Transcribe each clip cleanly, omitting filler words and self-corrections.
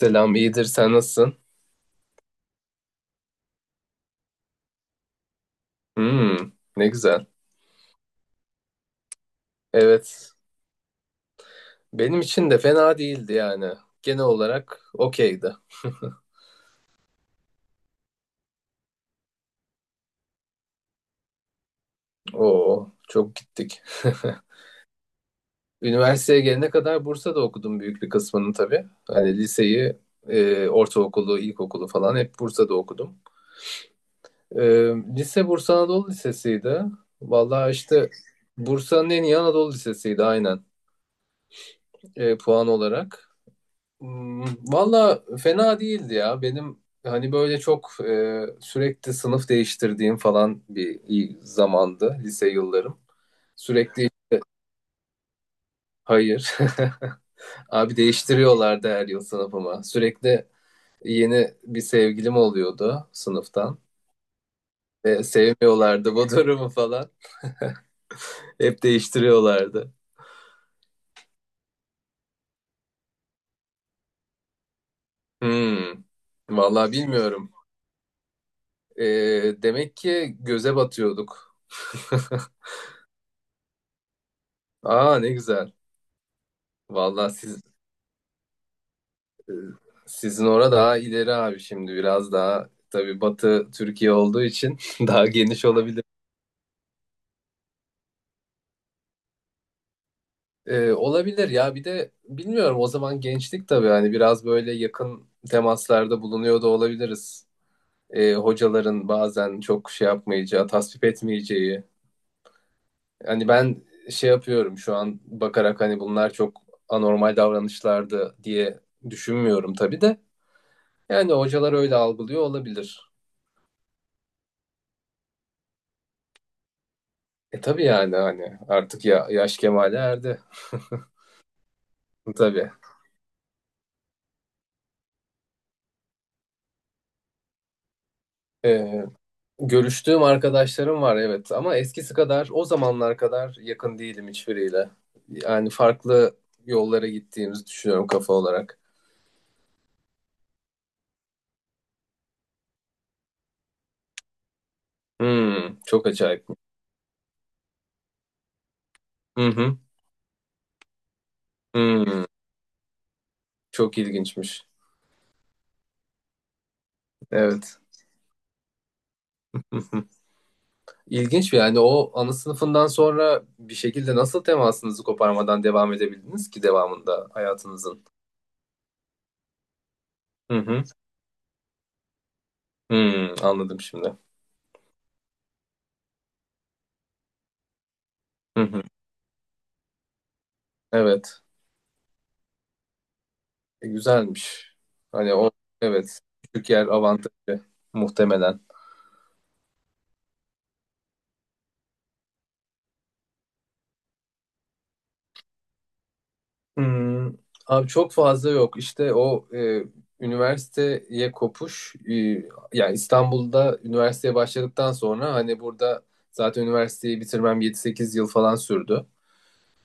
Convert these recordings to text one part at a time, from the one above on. Selam, iyidir. Sen nasılsın? Hmm, Ne güzel. Evet. Benim için de fena değildi yani. Genel olarak okeydi. Oo, çok gittik. Üniversiteye gelene kadar Bursa'da okudum büyük bir kısmını tabii. Hani liseyi, ortaokulu, ilkokulu falan hep Bursa'da okudum. E, Lise Bursa Anadolu Lisesi'ydi. Vallahi işte Bursa'nın en iyi Anadolu Lisesi'ydi, aynen, puan olarak. Hmm, Valla fena değildi ya. Benim hani böyle çok, sürekli sınıf değiştirdiğim falan bir iyi zamandı lise yıllarım. Sürekli hayır. Abi değiştiriyorlardı her yıl sınıfıma. Sürekli yeni bir sevgilim oluyordu sınıftan. Ve sevmiyorlardı bu durumu falan. Hep değiştiriyorlardı. Hmm. Valla bilmiyorum. E, Demek ki göze batıyorduk. Aa, ne güzel. Vallahi siz, sizin orada daha ileri abi. Şimdi biraz daha tabii Batı Türkiye olduğu için daha geniş olabilir. Olabilir ya, bir de bilmiyorum, o zaman gençlik tabii, hani biraz böyle yakın temaslarda bulunuyor da olabiliriz. Hocaların bazen çok şey yapmayacağı, tasvip etmeyeceği. Hani ben şey yapıyorum şu an bakarak, hani bunlar çok anormal davranışlardı diye düşünmüyorum tabii de. Yani hocalar öyle algılıyor olabilir. Tabii yani, hani artık ya, yaş kemale erdi. Tabii. Ee, Görüştüğüm arkadaşlarım var evet, ama eskisi kadar, o zamanlar kadar yakın değilim hiçbiriyle. Yani farklı yollara gittiğimizi düşünüyorum kafa olarak. Çok acayip. Hı hı. Hmm, Çok ilginçmiş. Evet. Hı hı. İlginç bir yani, o ana sınıfından sonra bir şekilde nasıl temasınızı koparmadan devam edebildiniz ki devamında hayatınızın? Hı hı. Anladım şimdi. Hı hı. Evet. Güzelmiş. Hani o, evet, küçük yer avantajı muhtemelen. Hmm, Abi çok fazla yok. İşte o, üniversiteye kopuş. Yani İstanbul'da üniversiteye başladıktan sonra, hani burada zaten üniversiteyi bitirmem 7-8 yıl falan sürdü.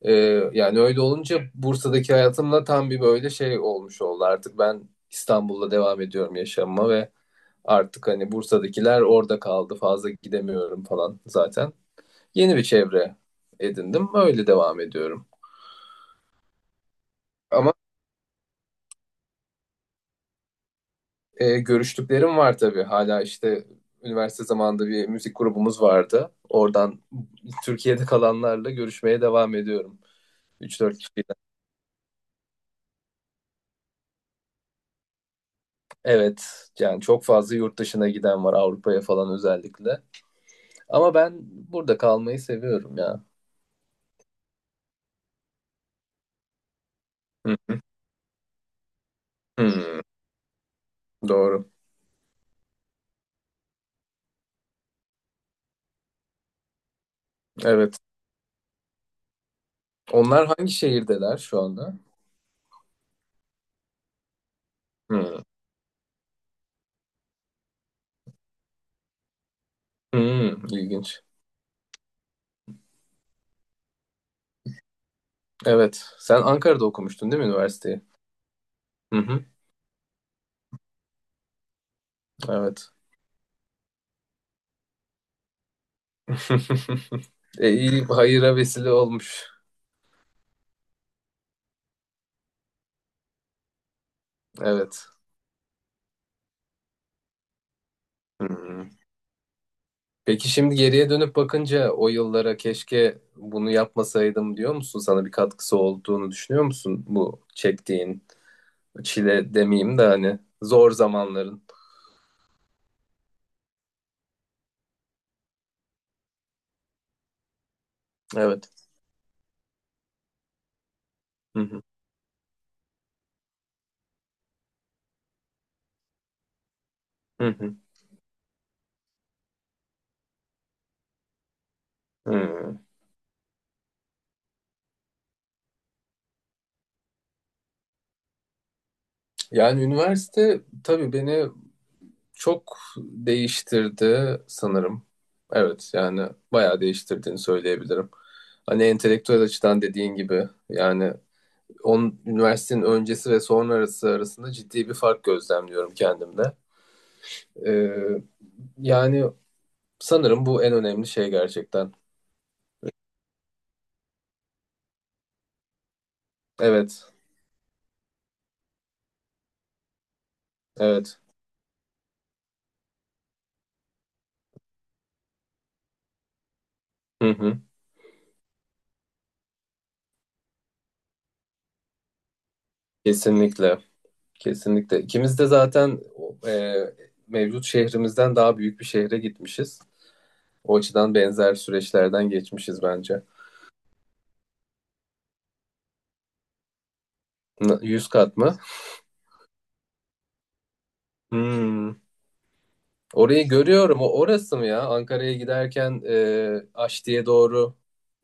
E, Yani öyle olunca Bursa'daki hayatımla tam bir böyle şey olmuş oldu. Artık ben İstanbul'da devam ediyorum yaşamıma ve artık hani Bursa'dakiler orada kaldı. Fazla gidemiyorum falan zaten. Yeni bir çevre edindim. Öyle devam ediyorum. Ama görüştüklerim var tabii. Hala işte üniversite zamanında bir müzik grubumuz vardı. Oradan Türkiye'de kalanlarla görüşmeye devam ediyorum. 3-4 kişiden. Evet. Yani çok fazla yurt dışına giden var, Avrupa'ya falan özellikle. Ama ben burada kalmayı seviyorum ya. Hı. Hı. Doğru. Evet. Onlar hangi şehirdeler şu anda? Hı. Hı. İlginç. Evet. Sen Ankara'da okumuştun değil mi üniversiteyi? Hı hı. Evet. İyi hayıra vesile olmuş. Evet. Hı hı. Peki şimdi geriye dönüp bakınca o yıllara, keşke bunu yapmasaydım diyor musun? Sana bir katkısı olduğunu düşünüyor musun bu çektiğin çile demeyeyim de hani zor zamanların? Evet. Hı hı. Hı hı. Hı. Yani üniversite tabii beni çok değiştirdi sanırım. Evet, yani bayağı değiştirdiğini söyleyebilirim. Hani entelektüel açıdan dediğin gibi yani, üniversitenin öncesi ve sonrası arasında ciddi bir fark gözlemliyorum kendimde. Ee, Yani sanırım bu en önemli şey gerçekten. Evet, evet. Hı hı. Kesinlikle, kesinlikle. İkimiz de zaten, e, mevcut şehrimizden daha büyük bir şehre gitmişiz. O açıdan benzer süreçlerden geçmişiz bence. 100 kat mı? Hmm. Orayı görüyorum. O orası mı ya? Ankara'ya giderken, Aşti'ye doğru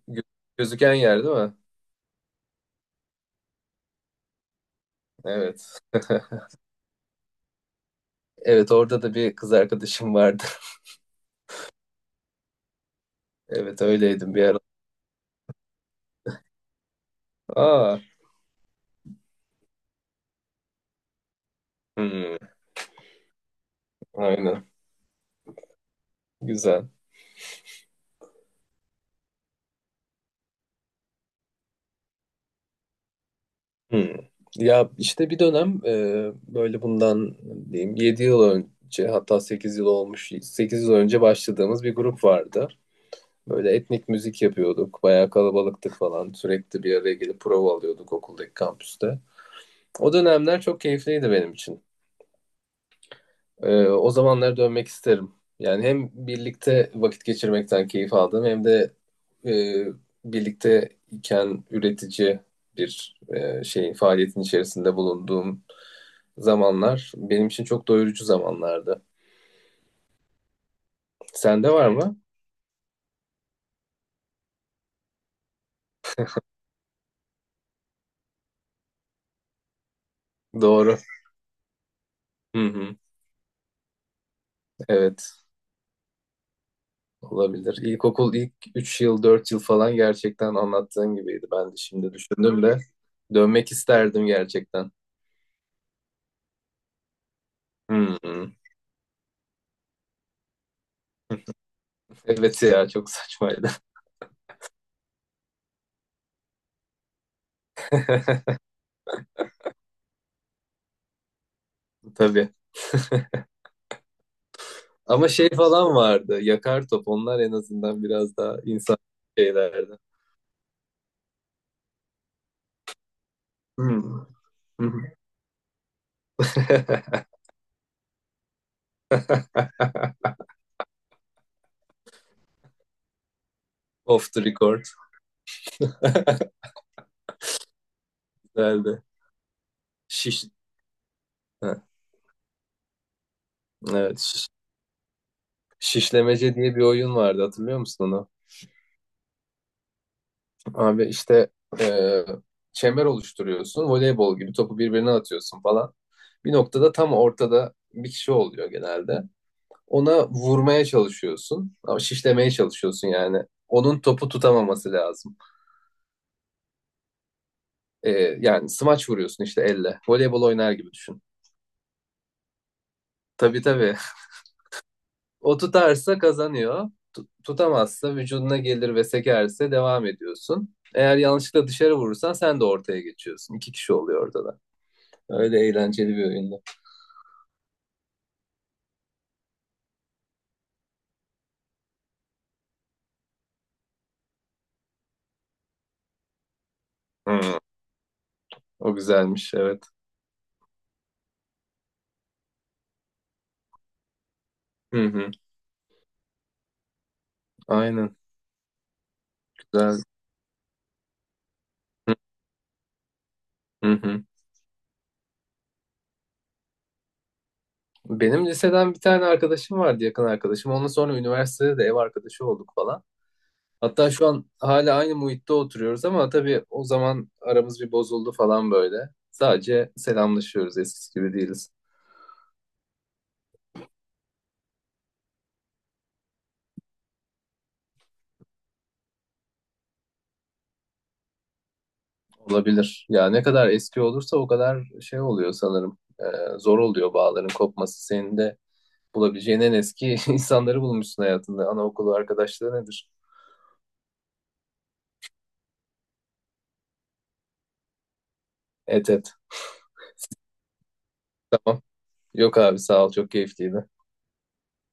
gö- gözüken yer değil mi? Evet. Evet, orada da bir kız arkadaşım vardı. Evet, öyleydim bir ara. Aa, hmm, aynen. Güzel. Hmm. Ya işte bir dönem, böyle bundan diyeyim 7 yıl önce, hatta 8 yıl olmuş, 8 yıl önce başladığımız bir grup vardı. Böyle etnik müzik yapıyorduk. Bayağı kalabalıktık falan. Sürekli bir araya gelip prova alıyorduk okuldaki kampüste. O dönemler çok keyifliydi benim için. O zamanlara dönmek isterim. Yani hem birlikte vakit geçirmekten keyif aldım, hem de e, birlikte iken üretici bir şey faaliyetin içerisinde bulunduğum zamanlar benim için çok doyurucu zamanlardı. Sende var mı? Doğru. Hı hı. Evet, olabilir. İlkokul ilk 3 yıl, 4 yıl falan gerçekten anlattığın gibiydi. Ben de şimdi düşündüm de dönmek isterdim gerçekten. Hı hı. Evet ya, çok saçmaydı. Tabii. Ama şey falan vardı. Yakar top. Onlar en azından biraz daha insan şeylerdi. Hmm. Off the record. Güzeldi. Şiş. Ha, evet. Şişlemece diye bir oyun vardı. Hatırlıyor musun onu? Abi işte e, çember oluşturuyorsun. Voleybol gibi topu birbirine atıyorsun falan. Bir noktada tam ortada bir kişi oluyor genelde. Ona vurmaya çalışıyorsun. Ama şişlemeye çalışıyorsun yani. Onun topu tutamaması lazım. Ee, Yani smaç vuruyorsun işte elle. Voleybol oynar gibi düşün. Tabii, tabii. O tutarsa kazanıyor. Tutamazsa vücuduna gelir ve sekerse devam ediyorsun. Eğer yanlışlıkla dışarı vurursan sen de ortaya geçiyorsun. 2 kişi oluyor orada da. Öyle eğlenceli bir oyundu. Hı, o güzelmiş evet. Hı hı. Aynen, güzel. Hı hı. Benim liseden bir tane arkadaşım vardı, yakın arkadaşım. Ondan sonra üniversitede de ev arkadaşı olduk falan. Hatta şu an hala aynı muhitte oturuyoruz ama tabii o zaman aramız bir bozuldu falan böyle. Sadece selamlaşıyoruz, eskisi gibi değiliz. Olabilir. Ya ne kadar eski olursa o kadar şey oluyor sanırım. Zor oluyor bağların kopması. Senin de bulabileceğin en eski insanları bulmuşsun hayatında. Anaokulu arkadaşlığı nedir? Et et. Tamam. Yok abi, sağ ol, çok keyifliydi.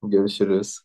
Görüşürüz.